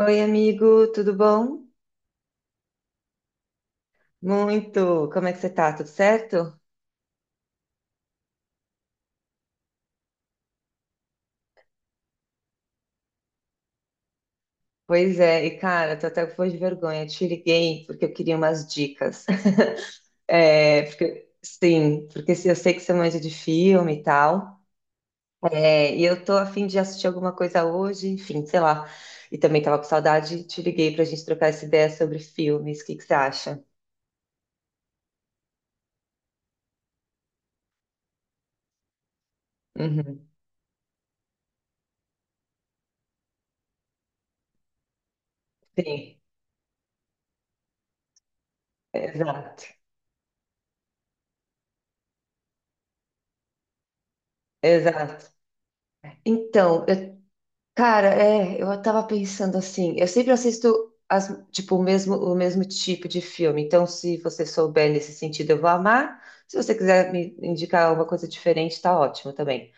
Oi, amigo, tudo bom? Muito. Como é que você tá? Tudo certo? Pois é, e cara, tô até com foi de vergonha. Eu te liguei porque eu queria umas dicas. Porque, sim, porque se- eu sei que você manja de filme e tal. É, e eu tô a fim de assistir alguma coisa hoje, enfim, sei lá. E também tava com saudade, te liguei pra gente trocar essa ideia sobre filmes. O que que você acha? Uhum. Sim, exato. Exato. Então, eu cara, eu tava pensando assim, eu sempre assisto as, tipo, o mesmo tipo de filme, então se você souber nesse sentido eu vou amar, se você quiser me indicar alguma coisa diferente, tá ótimo também.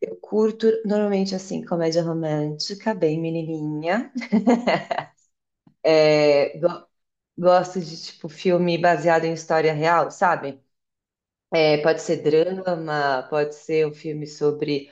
Eu curto normalmente assim, comédia romântica, bem menininha. É, go- Gosto de tipo filme baseado em história real, sabe? É, pode ser drama, pode ser um filme sobre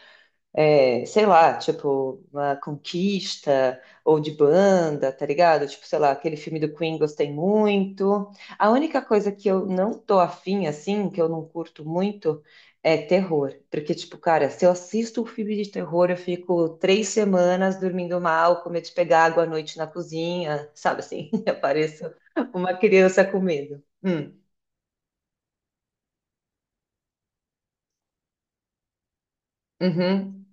sei lá, tipo, uma conquista ou de banda, tá ligado? Tipo, sei lá, aquele filme do Queen gostei muito. A única coisa que eu não tô afim, assim, que eu não curto muito, é terror. Porque, tipo, cara, se eu assisto um filme de terror, eu fico 3 semanas dormindo mal, com medo de pegar água à noite na cozinha, sabe assim? Eu pareço uma criança com medo. Uhum,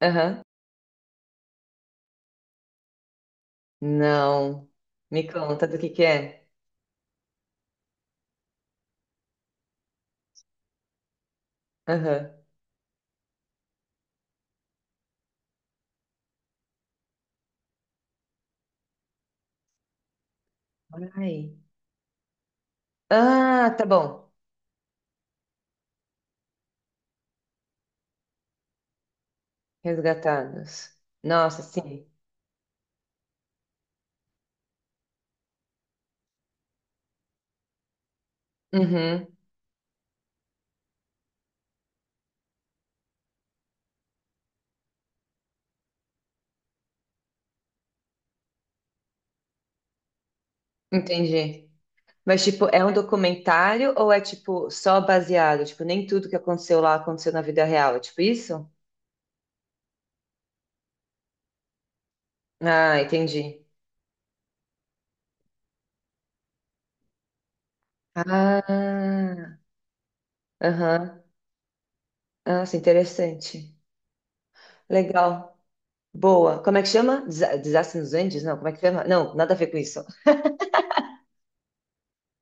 aham. Não. Me conta do que é. Aham. Ai. Ah, tá bom. Resgatados. Nossa, sim. Uhum, entendi. Mas, tipo, é um documentário ou é, tipo, só baseado? Tipo, nem tudo que aconteceu lá aconteceu na vida real. É tipo isso? Ah, entendi. Ah, aham. Nossa, interessante. Legal. Boa. Como é que chama? Desastre nos Andes? Não, como é que chama? Não, nada a ver com isso.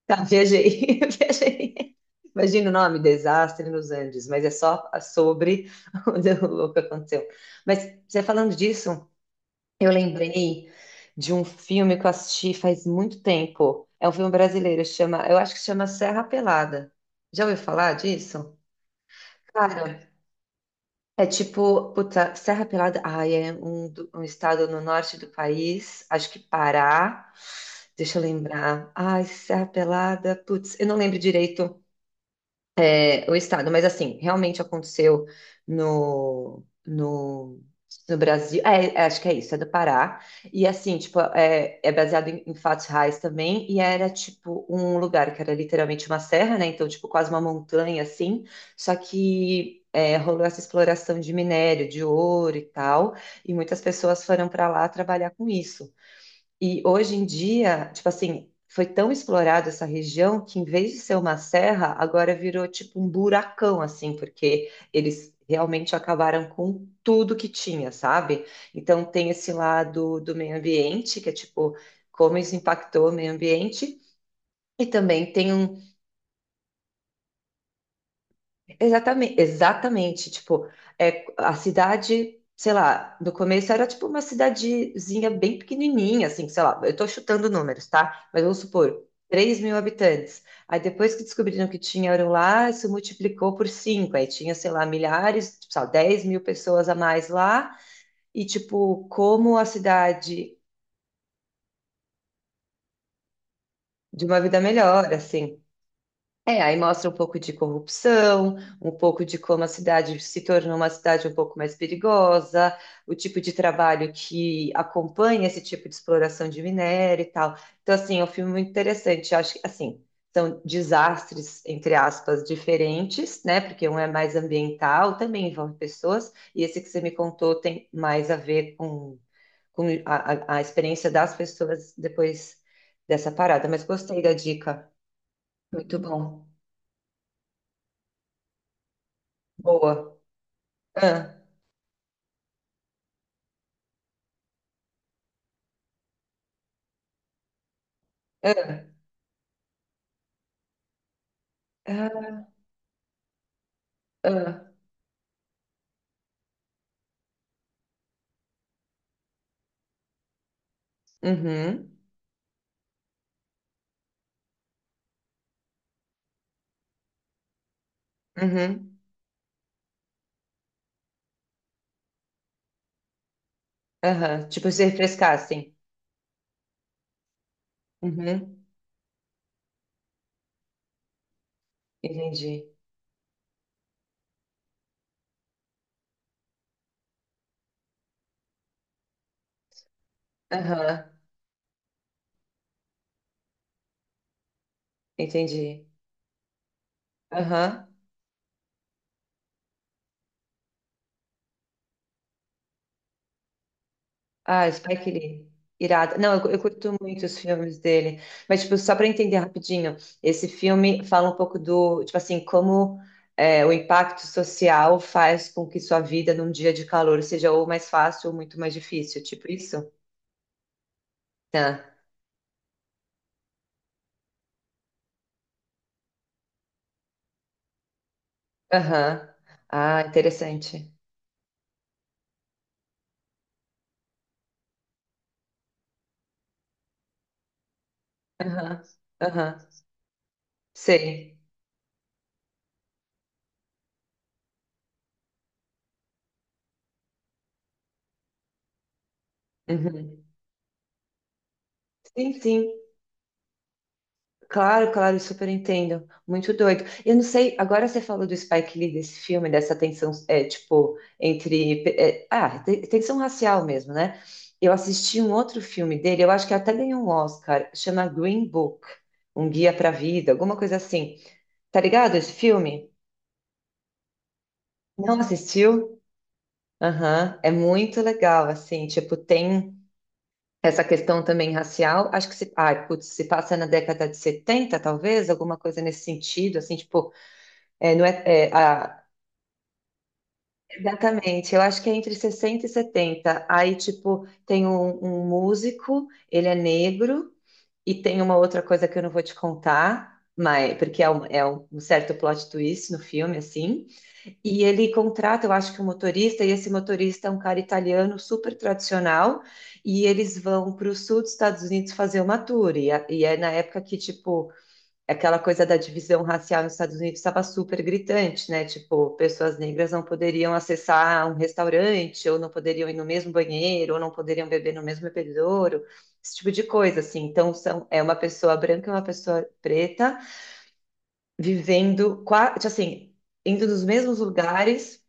Tá, viajei. Viajei. Imagina o nome, Desastre nos Andes, mas é só sobre o que aconteceu. Mas você falando disso, eu lembrei de um filme que eu assisti faz muito tempo. É um filme brasileiro, chama, eu acho que chama Serra Pelada. Já ouviu falar disso? Cara, é tipo, puta, Serra Pelada, ai, é um, um estado no norte do país, acho que Pará. Deixa eu lembrar. Ai, Serra Pelada, putz, eu não lembro direito o estado. Mas, assim, realmente aconteceu no, no, no Brasil. É, é, acho que é isso, é do Pará. E, assim, tipo, é, é baseado em, em fatos reais também. E era, tipo, um lugar que era literalmente uma serra, né? Então, tipo, quase uma montanha, assim. Só que é, rolou essa exploração de minério, de ouro e tal. E muitas pessoas foram para lá trabalhar com isso. E hoje em dia, tipo assim, foi tão explorado essa região que em vez de ser uma serra, agora virou tipo um buracão, assim, porque eles realmente acabaram com tudo que tinha, sabe? Então tem esse lado do meio ambiente, que é tipo, como isso impactou o meio ambiente, e também tem um. Exatamente, exatamente. Tipo, é, a cidade, sei lá, no começo era tipo uma cidadezinha bem pequenininha, assim, sei lá, eu tô chutando números, tá? Mas vamos supor, 3.000 habitantes. Aí depois que descobriram que tinha eram lá, isso multiplicou por cinco. Aí tinha, sei lá, milhares, tipo, sei lá, 10 mil pessoas a mais lá. E, tipo, como a cidade de uma vida melhor, assim. É, aí mostra um pouco de corrupção, um pouco de como a cidade se tornou uma cidade um pouco mais perigosa, o tipo de trabalho que acompanha esse tipo de exploração de minério e tal. Então, assim, é um filme muito interessante. Eu acho que, assim, são desastres, entre aspas, diferentes, né? Porque um é mais ambiental, também envolve pessoas, e esse que você me contou tem mais a ver com a experiência das pessoas depois dessa parada. Mas gostei da dica. Muito bom. Boa. Ah, ah, ah, ah. Uhum, uhum, aham. Tipo, se refrescar, assim. Uhum, entendi. Aham, entendi. Aham. Ah, Spike Lee. Irado. Não, eu curto muito os filmes dele. Mas, tipo, só para entender rapidinho, esse filme fala um pouco do, tipo assim, como o impacto social faz com que sua vida num dia de calor seja ou mais fácil ou muito mais difícil. Tipo isso? Tá. Aham. Ah, interessante. Aham, aham, sei. Uhum. Sim, sim, claro, claro, super entendo. Muito doido. Eu não sei, agora você falou do Spike Lee, desse filme, dessa tensão, é, tipo, entre. É, ah, te- tensão racial mesmo, né? Eu assisti um outro filme dele, eu acho que até ganhou um Oscar, chama Green Book, Um Guia para a Vida, alguma coisa assim. Tá ligado esse filme? Não assistiu? Aham, é muito legal, assim, tipo, tem. Essa questão também racial, acho que se, ai, putz, se passa na década de 70 talvez, alguma coisa nesse sentido, assim, tipo, é, não é, é, a- exatamente, eu acho que é entre 60 e 70 aí, tipo, tem um, um músico, ele é negro, e tem uma outra coisa que eu não vou te contar, mas, porque é um, é um certo plot twist no filme, assim, e ele contrata, eu acho que um motorista, e esse motorista é um cara italiano super tradicional, e eles vão para o sul dos Estados Unidos fazer uma tour. E é na época que, tipo, aquela coisa da divisão racial nos Estados Unidos estava super gritante, né? Tipo, pessoas negras não poderiam acessar um restaurante, ou não poderiam ir no mesmo banheiro, ou não poderiam beber no mesmo bebedouro, esse tipo de coisa, assim. Então, são, é uma pessoa branca e uma pessoa preta vivendo, assim, indo nos mesmos lugares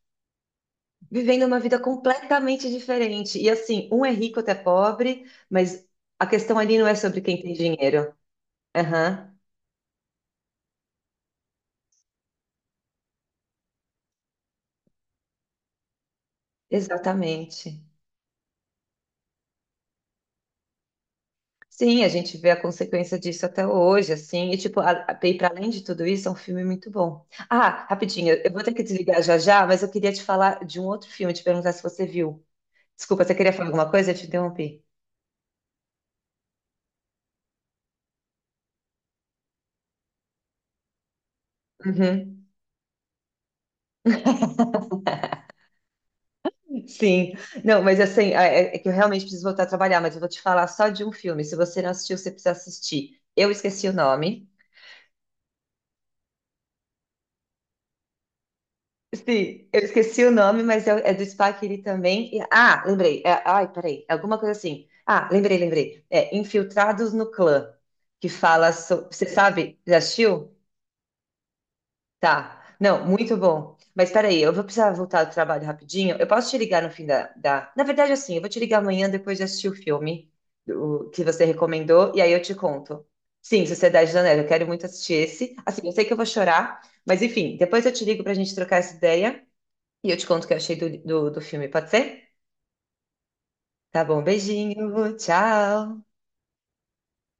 vivendo uma vida completamente diferente. E assim, um é rico, outro é pobre, mas a questão ali não é sobre quem tem dinheiro. Aham, exatamente. Sim, a gente vê a consequência disso até hoje, assim, e tipo, a, e para além de tudo isso, é um filme muito bom. Ah, rapidinho, eu vou ter que desligar já já, mas eu queria te falar de um outro filme, te perguntar se você viu. Desculpa, você queria falar alguma coisa? Eu te interrompi. Uhum. Sim, não, mas assim, é, é que eu realmente preciso voltar a trabalhar, mas eu vou te falar só de um filme. Se você não assistiu, você precisa assistir. Eu esqueci o nome. Sim, eu esqueci o nome, mas é, é do Spike Lee também. Ah, lembrei. É, ai, peraí, é alguma coisa assim. Ah, lembrei, lembrei. É Infiltrados no Clã, que fala sobre. Você sabe? Já assistiu? Tá. Não, muito bom. Mas peraí, eu vou precisar voltar do trabalho rapidinho. Eu posso te ligar no fim da, da... Na verdade, assim, eu vou te ligar amanhã depois de assistir o filme que você recomendou, e aí eu te conto. Sim, Sociedade da Neve, eu quero muito assistir esse. Assim, eu sei que eu vou chorar, mas enfim, depois eu te ligo pra gente trocar essa ideia e eu te conto o que eu achei do filme, pode ser? Tá bom, beijinho, tchau!